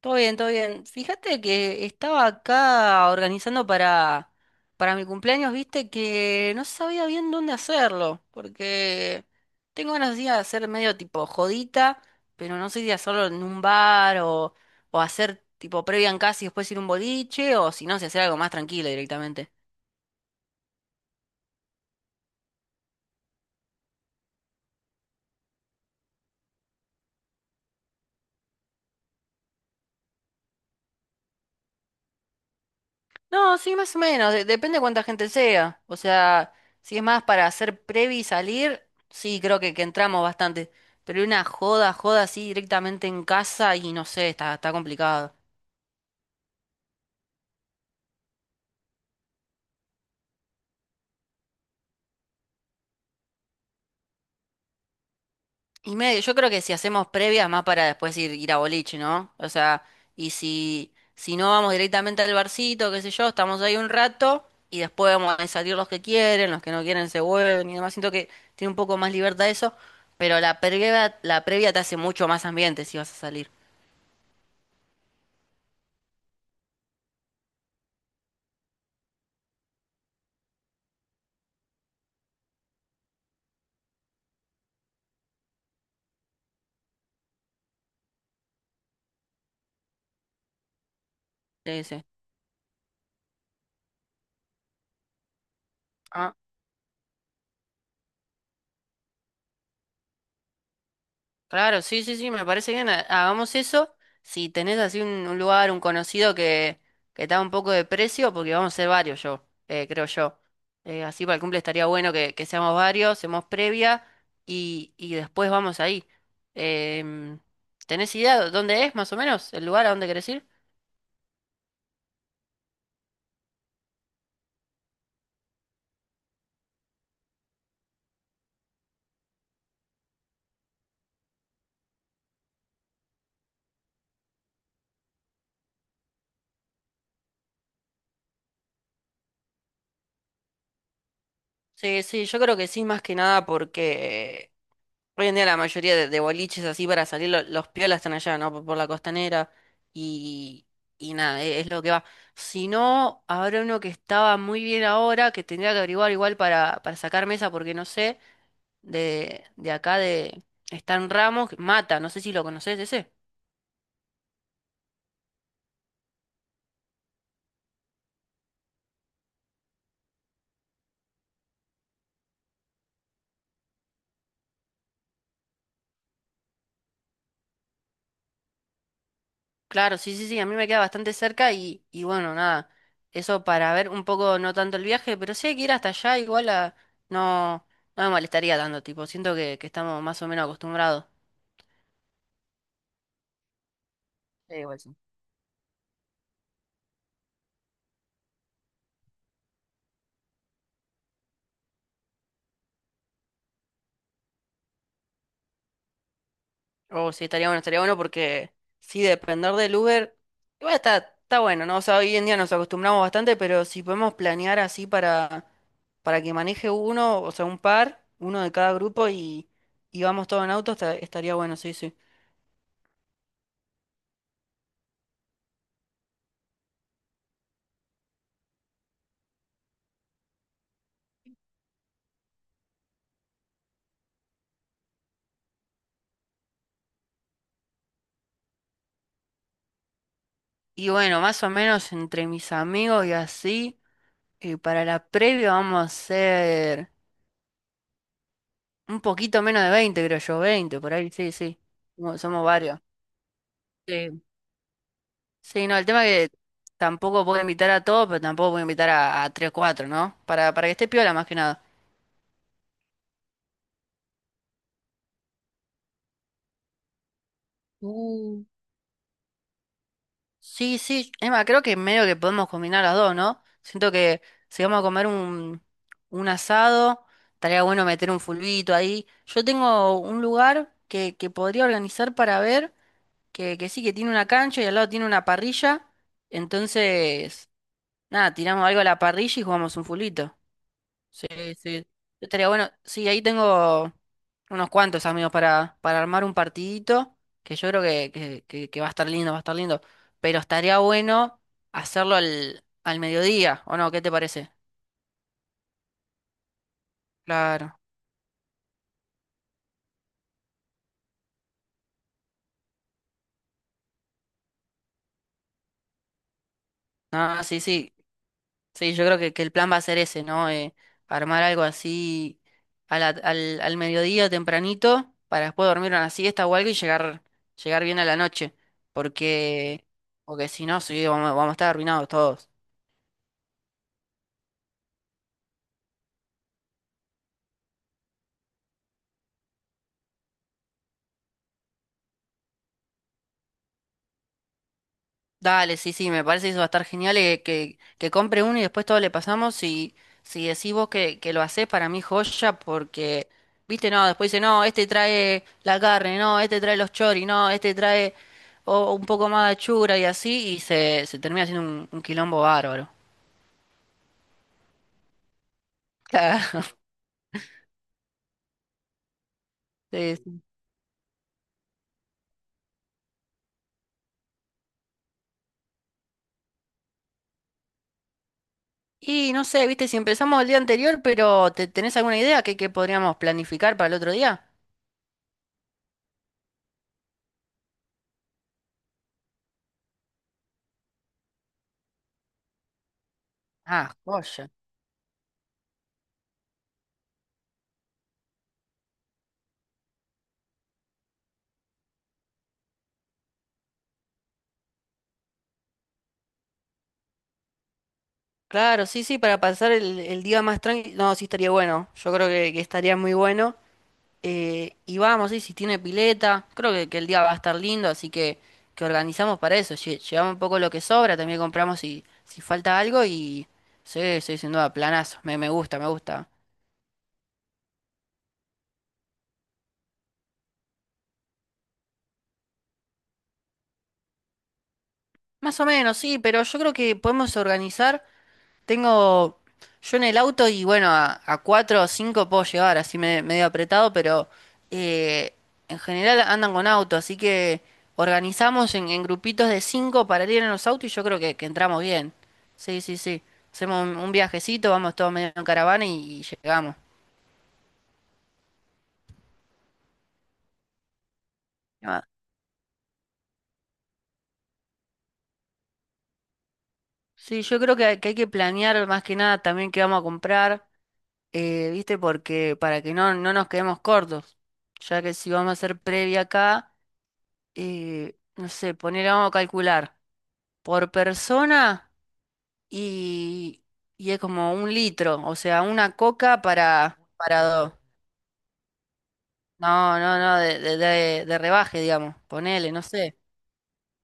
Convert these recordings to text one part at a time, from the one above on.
Todo bien, todo bien. Fíjate que estaba acá organizando para mi cumpleaños, viste que no sabía bien dónde hacerlo, porque tengo ganas de ir a hacer medio tipo jodita, pero no sé si hacerlo en un bar o hacer tipo previa en casa y después ir a un boliche, o si no, si hacer algo más tranquilo directamente. No, sí, más o menos. Depende de cuánta gente sea. O sea, si es más para hacer previ y salir, sí, creo que entramos bastante. Pero una joda, joda así directamente en casa y no sé, está complicado. Y medio, yo creo que si hacemos previas más para después ir a boliche, ¿no? O sea, y si no vamos directamente al barcito, qué sé yo, estamos ahí un rato y después vamos a salir los que quieren, los que no quieren se vuelven y demás. Siento que tiene un poco más libertad eso, pero la previa te hace mucho más ambiente si vas a salir. Sí, sí. Claro, sí, sí, sí, me parece bien. Hagamos eso. Si tenés así un lugar, un conocido que está un poco de precio, porque vamos a ser varios yo, creo yo. Así para el cumple estaría bueno que seamos varios, seamos previa y después vamos ahí. Em, ¿Tenés idea de dónde es más o menos el lugar a dónde querés ir? Sí, sí, yo creo que sí, más que nada porque hoy en día la mayoría de boliches así para salir, los piolas están allá, ¿no? Por la costanera y, y nada, es lo que va. Si no, habrá uno que estaba muy bien ahora, que tendría que averiguar igual para sacar mesa, porque no sé, de acá de están Ramos, Mata, no sé si lo conoces ese. Claro, sí, sí, sí, a mí me queda bastante cerca y bueno, nada, eso para ver un poco, no tanto el viaje, pero sí hay que ir hasta allá, igual a, no, no me molestaría tanto, tipo, siento que estamos más o menos acostumbrados. Sí, igual sí. Oh, sí, estaría bueno porque sí, depender del Uber, igual está bueno, ¿no? O sea, hoy en día nos acostumbramos bastante, pero si podemos planear así para que maneje uno, o sea, un par, uno de cada grupo y vamos todos en auto, estaría bueno, sí, sí. Y bueno, más o menos entre mis amigos y así, para la previa vamos a hacer un poquito menos de 20 creo yo, 20 por ahí, sí, sí. Somos varios. Sí. Sí, no, el tema que tampoco puedo invitar a todos, pero tampoco puedo invitar a, 3 o 4, ¿no? Para que esté piola más que nada. Uh, Sí, sí, Emma, creo que medio que podemos combinar las dos, ¿no? Siento que si vamos a comer un asado, estaría bueno meter un fulbito ahí. Yo tengo un lugar que podría organizar para ver, que sí, que tiene una cancha y al lado tiene una parrilla. Entonces, nada, tiramos algo a la parrilla y jugamos un fulbito. Sí, sí. Estaría bueno. Sí, ahí tengo unos cuantos amigos para armar un partidito, que yo creo que va a estar lindo, va a estar lindo. Pero estaría bueno hacerlo al mediodía, ¿o no? ¿Qué te parece? Claro. No, sí, sí. Sí, yo creo que el plan va a ser ese, ¿no? Armar algo así al mediodía tempranito, para después dormir una siesta o algo y llegar, bien a la noche. Porque, porque si no, sí, vamos a estar arruinados todos. Dale, sí, sí, me parece que eso va a estar genial que compre uno y después todo le pasamos y si decís vos que lo hacés para mí joya porque, viste, no, después dice, no, este trae la carne, no, este trae los choris, no, este trae o un poco más de achura y así y se termina haciendo un quilombo bárbaro. Claro. Sí, sí. Y no sé, viste, si empezamos el día anterior, pero ¿tenés alguna idea que podríamos planificar para el otro día? Ah, joya. Claro, sí, sí, para pasar el día más tranquilo. No, sí estaría bueno. Yo creo que estaría muy bueno. Y vamos, sí, si tiene pileta, creo que el día va a estar lindo, así que organizamos para eso. Llevamos un poco lo que sobra, también compramos si falta algo y sí, sí, sin duda, planazo. Me gusta, me gusta. Más o menos, sí, pero yo creo que podemos organizar. Tengo yo en el auto y bueno, a, cuatro o cinco puedo llevar, así medio apretado, pero eh, en general andan con auto, así que organizamos en, grupitos de cinco para ir en los autos y yo creo que entramos bien. Sí, sí, sí. Hacemos un viajecito, vamos todos medio en caravana y llegamos. Ah, sí, yo creo que, hay que hay que planear más que nada también qué vamos a comprar, ¿viste? Porque para que no nos quedemos cortos, ya que si vamos a hacer previa acá no sé, poner, vamos a calcular, por persona y, y es como un litro, o sea, una coca para dos. No, no, no, de rebaje, digamos, ponele, no sé.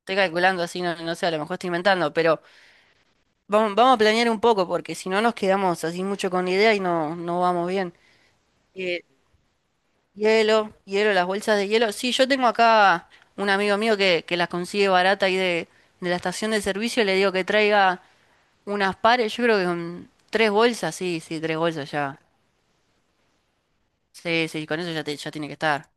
Estoy calculando así, no, no sé, a lo mejor estoy inventando, pero vamos a planear un poco, porque si no nos quedamos así mucho con la idea y no vamos bien. Eh, Hielo, hielo, las bolsas de hielo. Sí, yo tengo acá un amigo mío que las consigue barata ahí de la estación de servicio, le digo que traiga unas pares, yo creo que con tres bolsas, sí, sí, tres bolsas ya. Sí, sí, con eso ya, ya tiene que estar.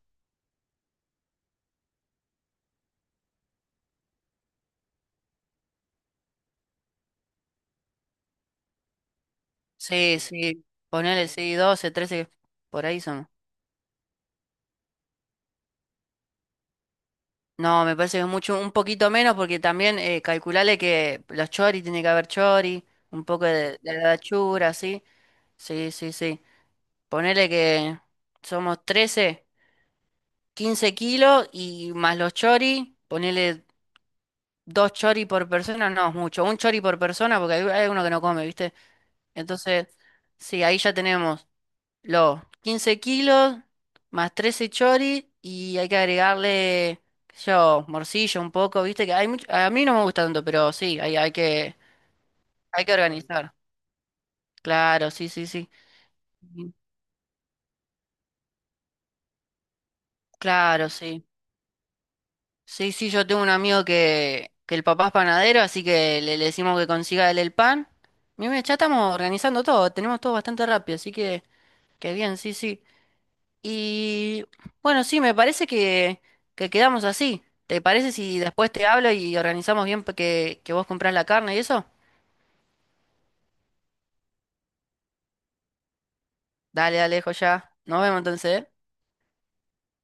Sí, sí, ponele, sí, 12 13 por ahí son. No, me parece que es mucho, un poquito menos, porque también calculale que los chori, tiene que haber chori, un poco de la sí. Sí, sí, sí. Ponele que somos 13 15 kilos y más los chori, ponele dos chori por persona, no es mucho, un chori por persona, porque hay uno que no come, ¿viste? Entonces, sí, ahí ya tenemos los 15 kilos más 13 chori y hay que agregarle, qué sé yo, morcilla un poco, viste que hay mucho, a mí no me gusta tanto, pero sí, hay que organizar. Claro, sí, sí, sí. Ujú. Claro, sí. Sí, sí, yo tengo un amigo que el papá es panadero, así que le decimos que consiga él el pan. Mira, ya estamos organizando todo, tenemos todo bastante rápido, así que bien, sí, sí. Y bueno, sí, me parece que quedamos así. ¿Te parece si después te hablo y organizamos bien que vos comprás la carne y eso? Dale, dale, ya. Nos vemos entonces, ¿eh?